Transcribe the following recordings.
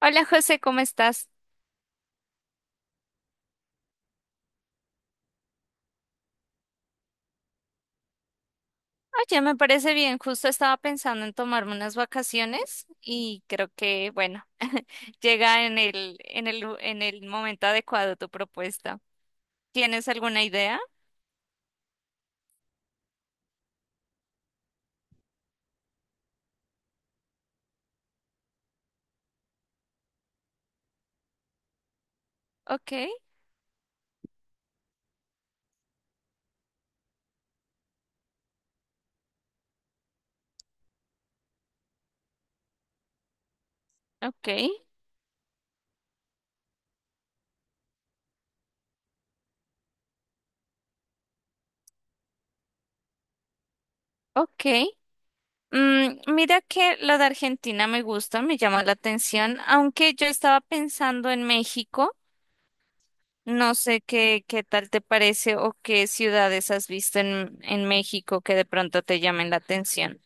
Hola José, ¿cómo estás? Oye, me parece bien, justo estaba pensando en tomarme unas vacaciones y creo que, bueno, llega en el momento adecuado tu propuesta. ¿Tienes alguna idea? Ok, ok, ok. Mm, mira que lo de Argentina me gusta, me llama la atención, aunque yo estaba pensando en México. No sé qué tal te parece o qué ciudades has visto en México que de pronto te llamen la atención.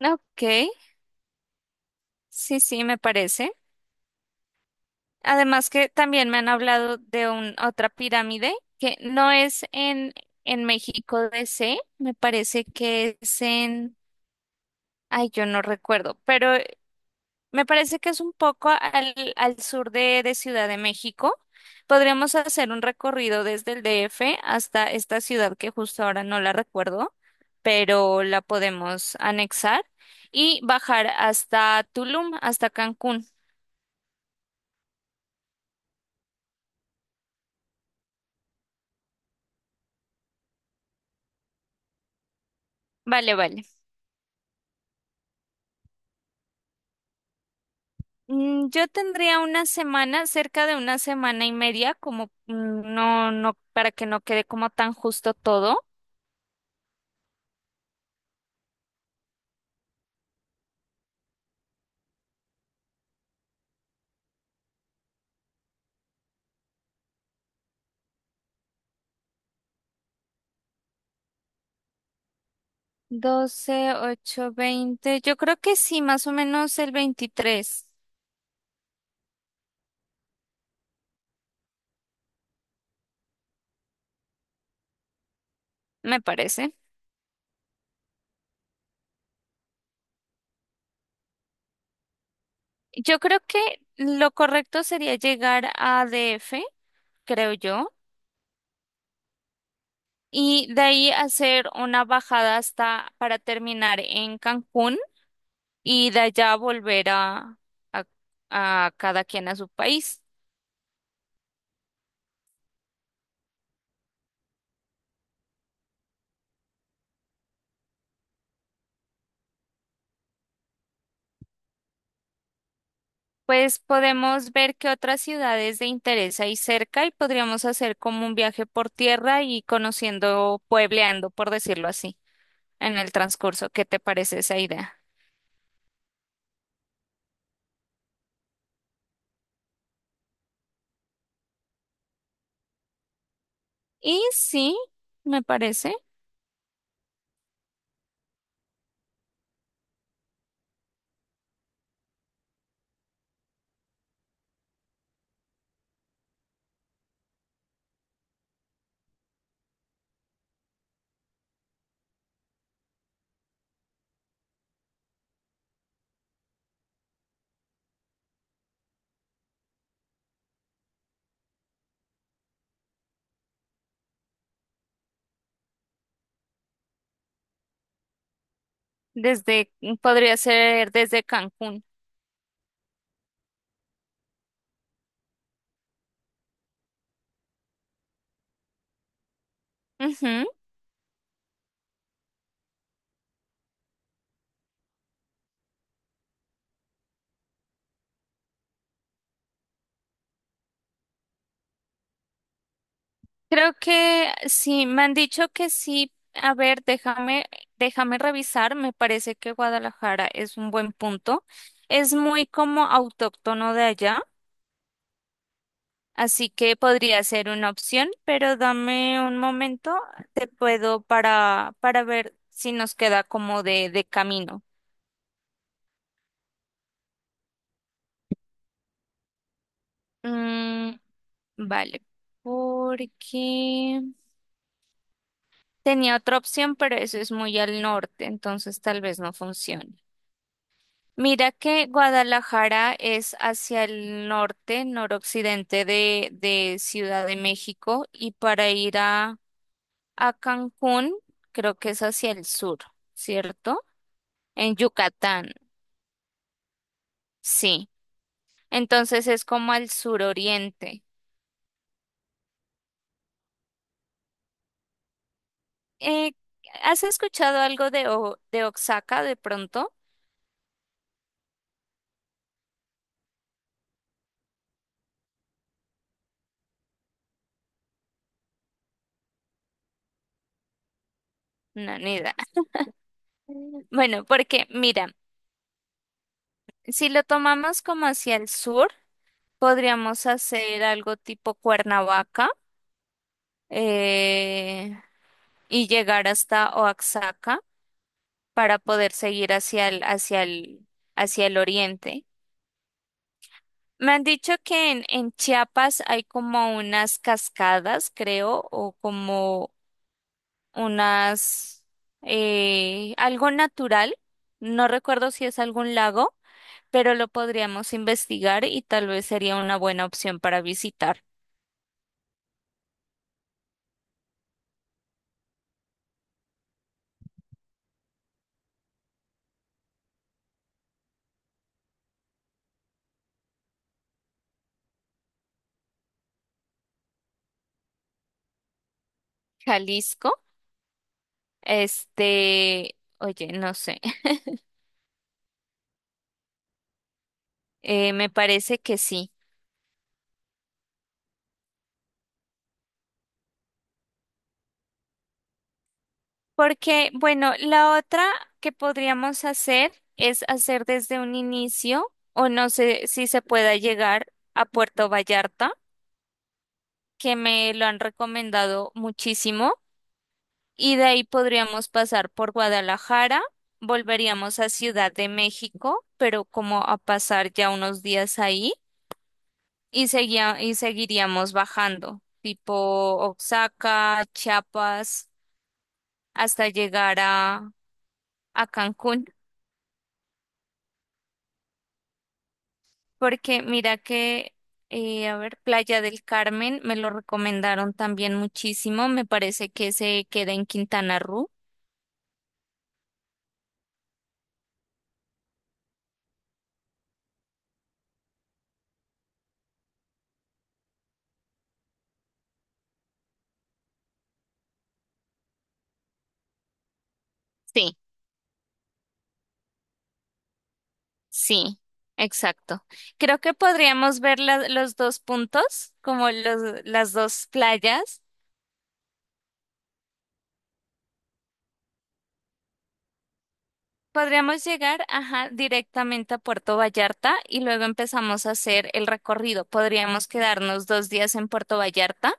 Ok, sí, sí, me parece. Además que también me han hablado de otra pirámide que no es en México DC, me parece que es ay, yo no recuerdo, pero me parece que es un poco al sur de Ciudad de México. Podríamos hacer un recorrido desde el DF hasta esta ciudad que justo ahora no la recuerdo, pero la podemos anexar y bajar hasta Tulum, hasta Cancún. Vale, vale. Mm, yo tendría una semana, cerca de una semana y media, como no, no, para que no quede como tan justo todo. 12, 8, 20. Yo creo que sí, más o menos el 23. Me parece. Yo creo que lo correcto sería llegar a DF, creo yo, y de ahí hacer una bajada hasta para terminar en Cancún y de allá volver a, a cada quien a su país. Pues podemos ver qué otras ciudades de interés hay cerca y podríamos hacer como un viaje por tierra y conociendo, puebleando, por decirlo así, en el transcurso. ¿Qué te parece esa idea? Y sí, me parece. Desde, podría ser desde Cancún. Ujú. Creo que sí, me han dicho que sí. A ver, déjame revisar. Me parece que Guadalajara es un buen punto. Es muy como autóctono de allá, así que podría ser una opción, pero dame un momento, te puedo para ver si nos queda como de camino. Mm, vale, porque tenía otra opción, pero eso es muy al norte, entonces tal vez no funcione. Mira que Guadalajara es hacia el norte, noroccidente de Ciudad de México, y para ir a Cancún, creo que es hacia el sur, ¿cierto? En Yucatán, sí. Entonces es como al suroriente. Eh, ¿Has escuchado algo de Oaxaca de pronto? No, ni idea. Bueno, porque mira. Si lo tomamos como hacia el sur, podríamos hacer algo tipo Cuernavaca eh, y llegar hasta Oaxaca para poder seguir hacia el oriente. Me han dicho que en Chiapas hay como unas cascadas, creo, o como unas, algo natural. No recuerdo si es algún lago, pero lo podríamos investigar y tal vez sería una buena opción para visitar. Jalisco. Este, oye, no sé. Me parece que sí. Porque, bueno, la otra que podríamos hacer es hacer desde un inicio, o no sé si se pueda llegar a Puerto Vallarta, que me lo han recomendado muchísimo, y de ahí podríamos pasar por Guadalajara, volveríamos a Ciudad de México, pero como a pasar ya unos días ahí. Y seguiríamos bajando, tipo Oaxaca, Chiapas, hasta llegar a Cancún, porque mira que, a ver, Playa del Carmen me lo recomendaron también muchísimo, me parece que se queda en Quintana Roo. Sí, sí, exacto. Creo que podríamos ver los dos puntos, como las dos playas. Podríamos llegar, ajá, directamente a Puerto Vallarta y luego empezamos a hacer el recorrido. Podríamos quedarnos 2 días en Puerto Vallarta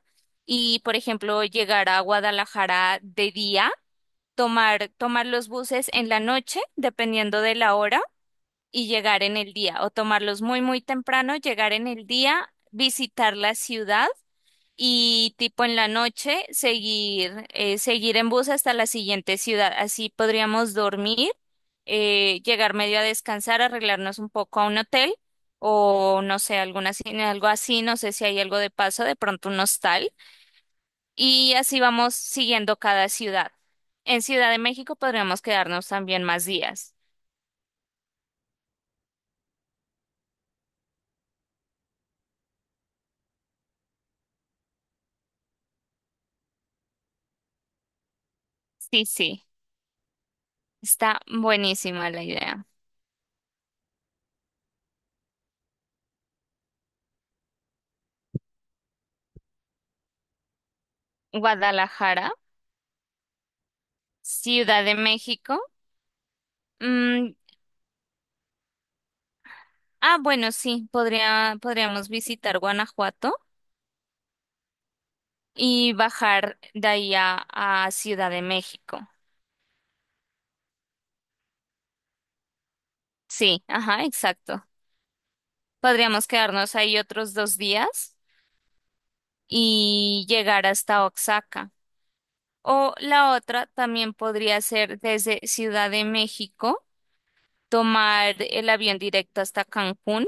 y, por ejemplo, llegar a Guadalajara de día, tomar los buses en la noche, dependiendo de la hora, y llegar en el día, o tomarlos muy, muy temprano, llegar en el día, visitar la ciudad y tipo en la noche seguir en bus hasta la siguiente ciudad. Así podríamos dormir, llegar medio a descansar, arreglarnos un poco a un hotel o no sé, algo así, no sé si hay algo de paso, de pronto un hostal y así vamos siguiendo cada ciudad. En Ciudad de México podríamos quedarnos también más días. Sí, sí, está buenísima la idea. Guadalajara, Ciudad de México. Mm, ah, bueno, sí, podríamos visitar Guanajuato y bajar de ahí a Ciudad de México. Sí, ajá, exacto. Podríamos quedarnos ahí otros 2 días y llegar hasta Oaxaca. O la otra también podría ser desde Ciudad de México, tomar el avión directo hasta Cancún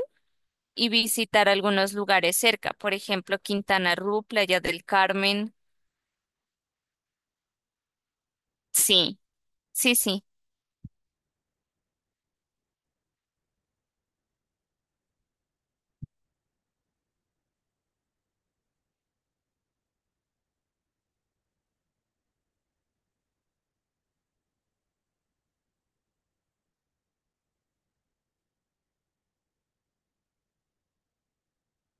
y visitar algunos lugares cerca, por ejemplo, Quintana Roo, Playa del Carmen. Sí, sí, sí.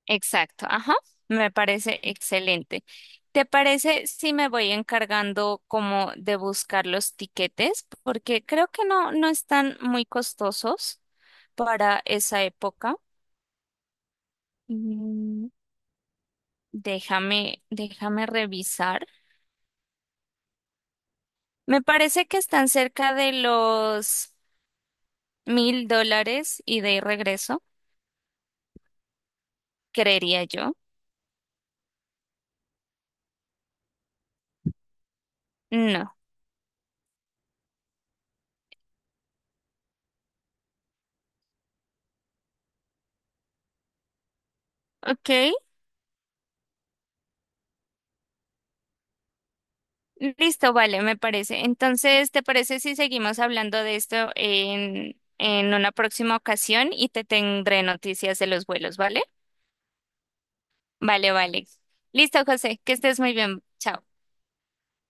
Exacto, ajá, me parece excelente. ¿Te parece si me voy encargando como de buscar los tiquetes? Porque creo que no, no están muy costosos para esa época. Mm, déjame revisar. Me parece que están cerca de los $1,000 ida y regreso, creería yo. No. Ok, listo, vale, me parece. Entonces, ¿te parece si seguimos hablando de esto en una próxima ocasión y te tendré noticias de los vuelos? ¿Vale? Vale, vale. Listo, José, que estés muy bien. Chao.